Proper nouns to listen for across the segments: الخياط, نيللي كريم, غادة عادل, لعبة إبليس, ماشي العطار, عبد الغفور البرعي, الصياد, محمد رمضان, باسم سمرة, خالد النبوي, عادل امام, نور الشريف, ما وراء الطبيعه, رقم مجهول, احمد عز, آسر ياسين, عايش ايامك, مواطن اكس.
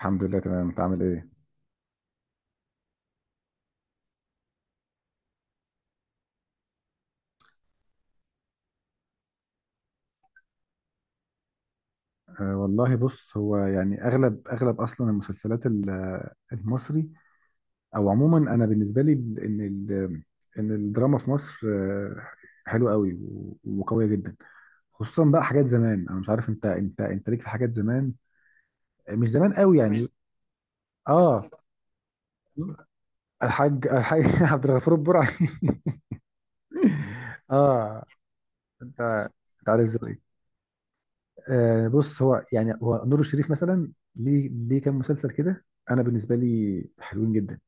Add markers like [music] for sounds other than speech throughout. الحمد لله تمام، انت عامل ايه؟ أه والله بص، هو يعني اغلب اغلب اصلا المسلسلات المصري او عموما انا بالنسبه لي ال- ان ال- ان الدراما في مصر حلوه قوي وقويه جدا، خصوصا بقى حاجات زمان. انا مش عارف انت ليك في حاجات زمان، مش زمان قوي يعني، مش اه. الحاج [laughs] عبد الغفور البرعي [laughs] اه، انت عارف ازاي. آه بص، هو يعني هو نور الشريف مثلا ليه كام مسلسل كده انا بالنسبه لي حلوين جدا.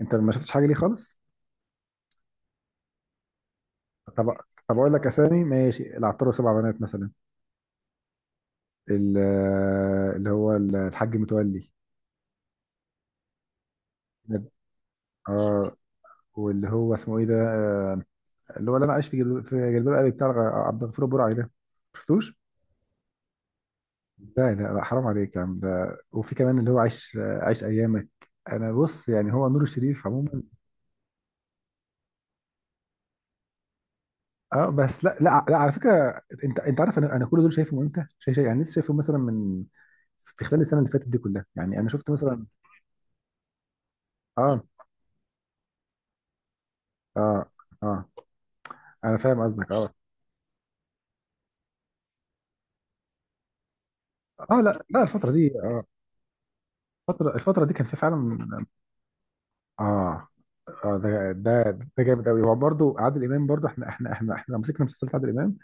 انت ما شفتش حاجه ليه خالص؟ طب اقول لك اسامي ماشي العطار وسبع بنات مثلا، اللي هو الحاج متولي. اه، واللي هو اسمه ايه ده اللي هو اللي انا عايش في في جلباب ابي، بتاع عبد الغفور البرعي ده، شفتوش؟ لا لا لا، حرام عليك يا عم، ده وفي كمان اللي هو عايش عايش ايامك. انا بص، يعني هو نور الشريف عموما. اه بس، لا على فكره، انت عارف انا كل دول شايفهم امتى؟ يعني لسه شايفهم مثلا من في خلال السنه اللي فاتت دي كلها، يعني انا شفت مثلا. اه. اه. اه انا فاهم قصدك، اه. اه لا لا، الفتره دي اه، الفتره دي كان في فعلا. اه. اه ده، ده جامد قوي. هو برضه عادل امام برضه، احنا لو مسكنا مسلسلات عادل امام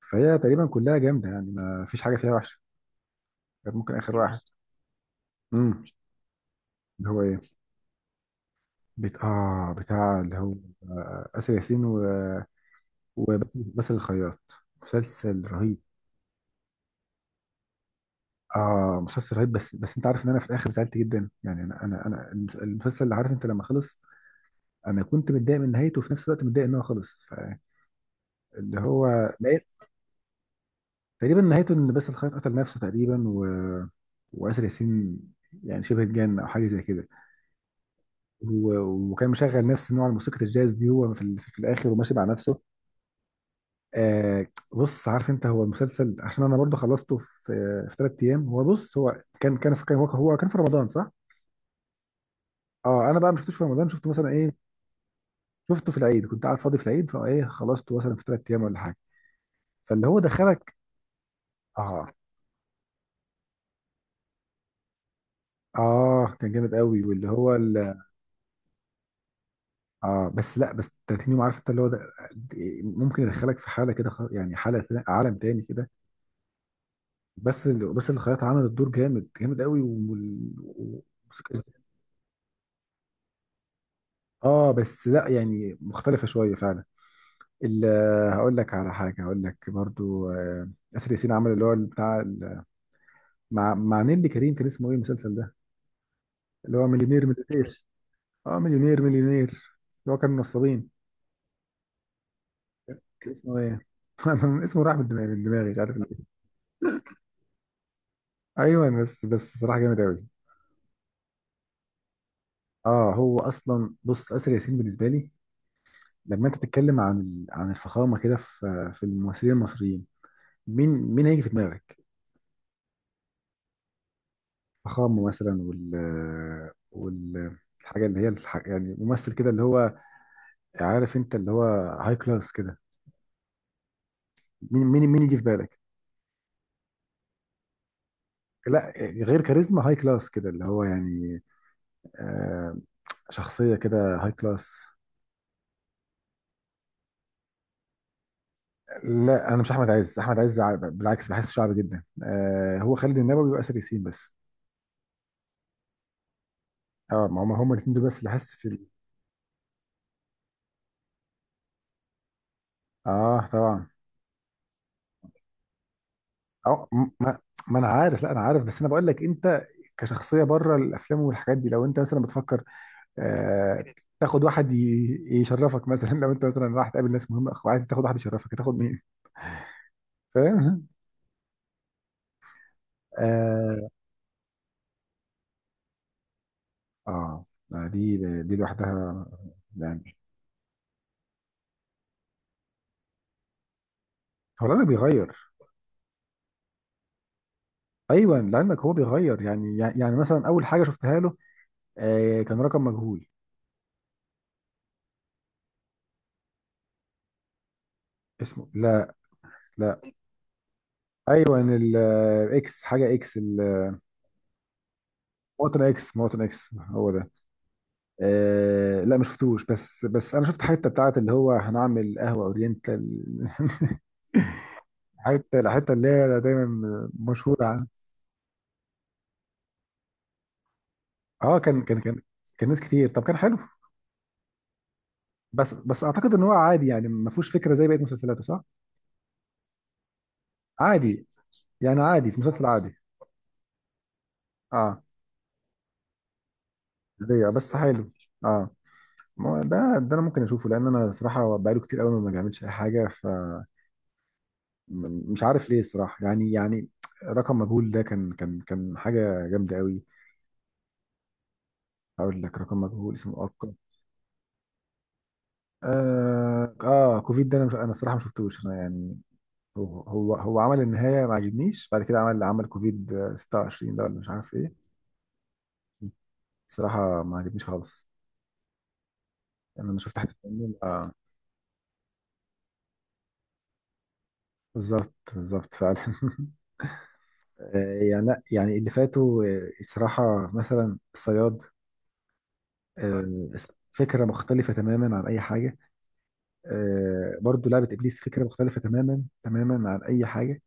فهي تقريبا كلها جامده، يعني ما فيش حاجه فيها وحشه غير ممكن اخر واحد. امم اللي هو ايه؟ بت... اه بتاع اللي هو آسر ياسين، وبس الخياط. مسلسل رهيب. اه مسلسل رهيب، بس انت عارف ان انا في الاخر زعلت جدا، يعني انا المسلسل اللي عارف انت لما خلص، انا كنت متضايق من نهايته وفي نفس الوقت متضايق ان هو خلص، فاللي هو لا- تقريبا نهايته ان باسل الخياط قتل نفسه تقريبا، و... واسر ياسين يعني شبه اتجن او حاجه زي كده، و... وكان مشغل نفس نوع الموسيقى الجاز دي هو في، في الاخر وماشي مع نفسه. آه بص، عارف انت هو المسلسل عشان انا برضه خلصته في ثلاث ايام. هو بص هو كان كان في كان هو هو كان في رمضان صح؟ اه انا بقى ما شفتوش في رمضان، شفته مثلا ايه، شفته في العيد، كنت قاعد فاضي في العيد، فايه خلصته مثلا في ثلاث ايام ولا حاجه، فاللي هو دخلك. اه. اه كان جامد قوي، واللي هو اه بس لا، بس 30 يوم عارف انت اللي هو ده ممكن يدخلك في حاله كده، يعني عالم تاني كده. بس بس الخياطه عملت دور جامد، قوي، وموسيقى. اه بس لا، يعني مختلفة شوية فعلا. ال- هقول لك على حاجة، هقول لك برضو آسر ياسين عمل اللي هو بتاع مع نيللي كريم، كان اسمه ايه المسلسل ده، اللي هو مليونير اه مليونير اللي هو كان نصابين، كان اسمه ايه؟ [laughs] أنا اسمه راح من دماغي، مش عارف ليه. ايوه بس، صراحة جامد قوي. اه هو اصلا بص، آسر ياسين بالنسبة لي لما انت تتكلم عن عن الفخامة كده في الممثلين المصريين، مين هيجي في دماغك؟ فخامه مثلا، وال وال الحاجه اللي هي يعني ممثل كده اللي هو عارف انت اللي هو هاي كلاس كده، مين يجي في بالك؟ لا غير كاريزما، هاي كلاس كده اللي هو يعني آه، شخصيه كده هاي كلاس. لا انا مش احمد عز، احمد عز بالعكس بحس شعبي جدا. آه هو خالد النبوي واسر ياسين بس. اه، ما هم الاثنين دول بس اللي حاسس في اه طبعا. اه م- ما, ما انا عارف، لا انا عارف، بس انا بقول لك انت كشخصيه بره الافلام والحاجات دي، لو انت مثلا بتفكر آه، تاخد واحد يشرفك مثلا، [laughs] لو انت مثلا رايح تقابل ناس مهمه وعايز تاخد واحد يشرفك، هتاخد مين؟ فاهم؟ اه. اه دي لوحدها يعني، هو العلم بيغير. ايوه لعلمك هو بيغير، يعني مثلا اول حاجه شفتها له آه كان رقم مجهول. اسمه لا، لا. ايوه الاكس، حاجه اكس. مواطن اكس، هو ده. آه لا ما شفتوش، بس انا شفت حته بتاعت اللي هو هنعمل قهوه اورينتال [laughs] الحته اللي هي دايما مشهوره عنها. اه كان ناس كتير، طب كان حلو، بس اعتقد ان هو عادي يعني، ما فيهوش فكره زي بقيه مسلسلاته صح، عادي يعني، عادي في مسلسل عادي. اه. ليا بس حلو. اه، ما هو ده، انا ممكن اشوفه لان انا صراحه بقاله كتير قوي ما بيعملش اي حاجه، ف مش عارف ليه الصراحه، يعني رقم مجهول ده كان حاجه جامده قوي. هقول لك رقم مجهول، اسمه أبقى. اه اه كوفيد ده انا مش، انا الصراحه ما شفتوش انا يعني، هو عمل النهاية ما عجبنيش، بعد كده عمل كوفيد 26 ده ولا مش عارف ايه، بصراحة ما عجبنيش خالص، يعني انا شفت حتة منه آه. بالظبط، فعلا [laughs] يعني لأ، يعني اللي فاتوا الصراحة مثلا الصياد، آه، فكرة مختلفة تماما عن أي حاجة، برضو لعبة إبليس فكرة مختلفة تماما، عن أي حاجة.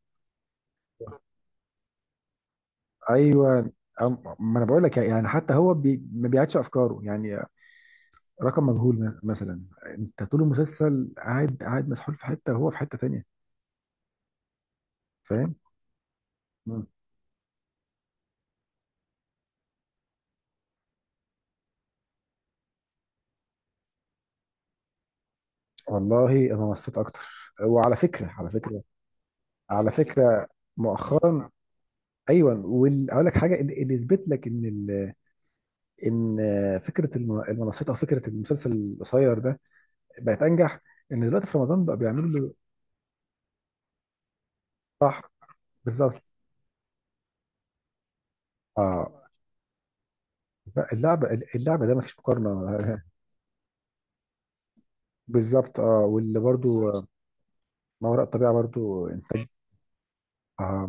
أيوة ما أنا بقول لك يعني، حتى هو بي ما بيعيدش أفكاره يعني، رقم مجهول مثلا، انت طول المسلسل قاعد، مسحول في حته وهو في حته تانية. فاهم؟ مم. والله انا مصيت اكتر، وعلى فكره، على فكره على فكره مؤخرا. ايوه، واقول لك حاجه اللي يثبت لك ان ان فكره المنصات او فكره المسلسل القصير ده بقت انجح، ان دلوقتي في رمضان بقى بيعملوا له. صح بالظبط. اه لا، اللعبه، ده ما فيش مقارنه [laughs] بالظبط، اه، واللي برضو ما وراء الطبيعه برضو انتاج. اه،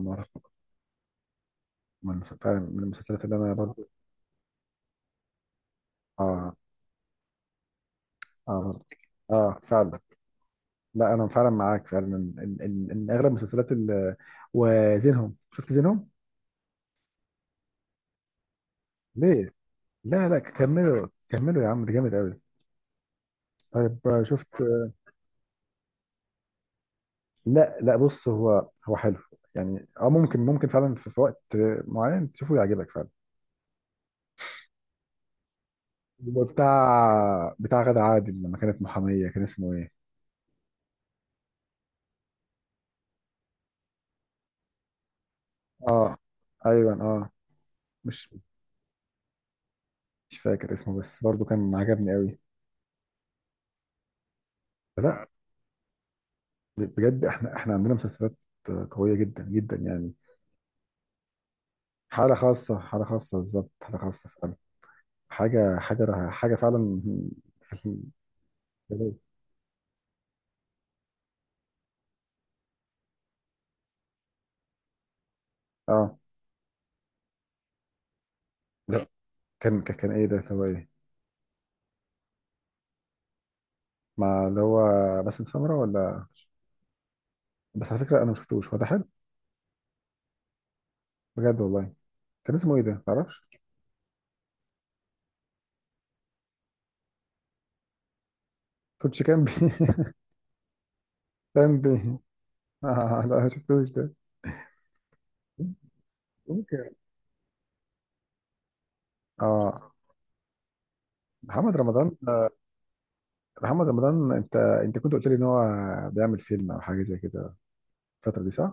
من فعلا من المسلسلات اللي انا برضه. اه. اه برضه افتكر، اه فعلا. لا انا فعلا معاك فعلا ان إن اغلب المسلسلات وزينهم، شفت زينهم؟ ليه؟ لا لا، كملوا يا عم ده جامد قوي. طيب شفت. لا لا بص، هو حلو يعني، اه ممكن فعلا في، في وقت معين تشوفه يعجبك فعلا. بتاع غادة عادل لما كانت محامية، كان اسمه ايه؟ اه ايوه اه. مش فاكر اسمه، بس برضه كان عجبني قوي. لا، بجد احنا، عندنا مسلسلات قوية جدا، يعني. حالة خاصة، بالظبط، حالة خاصة فعلا. حاجة فعلا. في ال- اه لا كان ايه ده اللي هو ايه؟ مع اللي هو باسم سمرة ولا؟ بس على فكرة انا ما شفتوش، هو ده حلو؟ بجد والله. كان اسمه ايه ده، ما تعرفش؟ كوتش كامبي؟ [laughs] كامبي. آه لا ما شفتوش ده. ممكن. اه محمد رمضان، محمد رمضان، انت كنت قلت لي ان هو بيعمل فيلم او حاجة زي كده الفترة دي صح؟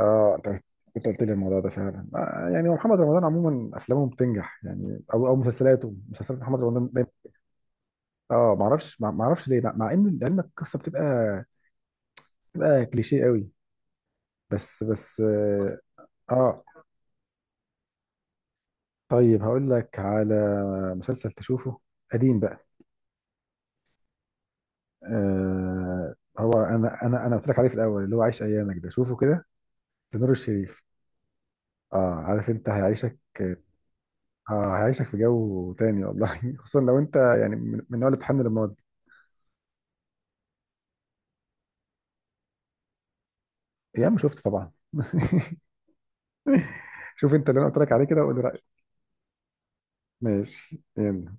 اه انت كنت قلت لي الموضوع ده فعلا، آه يعني محمد رمضان عموما افلامه بتنجح يعني، او مسلسلاته، مسلسلات محمد رمضان دايما. اه ما اعرفش، ليه، مع ان لعلمك القصه بتبقى، كليشيه قوي، بس اه. آه. طيب هقول لك على مسلسل تشوفه قديم بقى. آه، هو انا قلت لك عليه في الاول، اللي هو عايش ايامك ده، شوفه كده لنور الشريف. اه عارف انت هيعيشك. اه هيعيشك في جو تاني والله [laughs] خصوصا لو انت يعني من النوع اللي بتحن للماضي. يا عم شفته طبعا [laughs] شوف انت اللي انا قلت لك عليه كده وقول لي رايك. ماشي، يلا.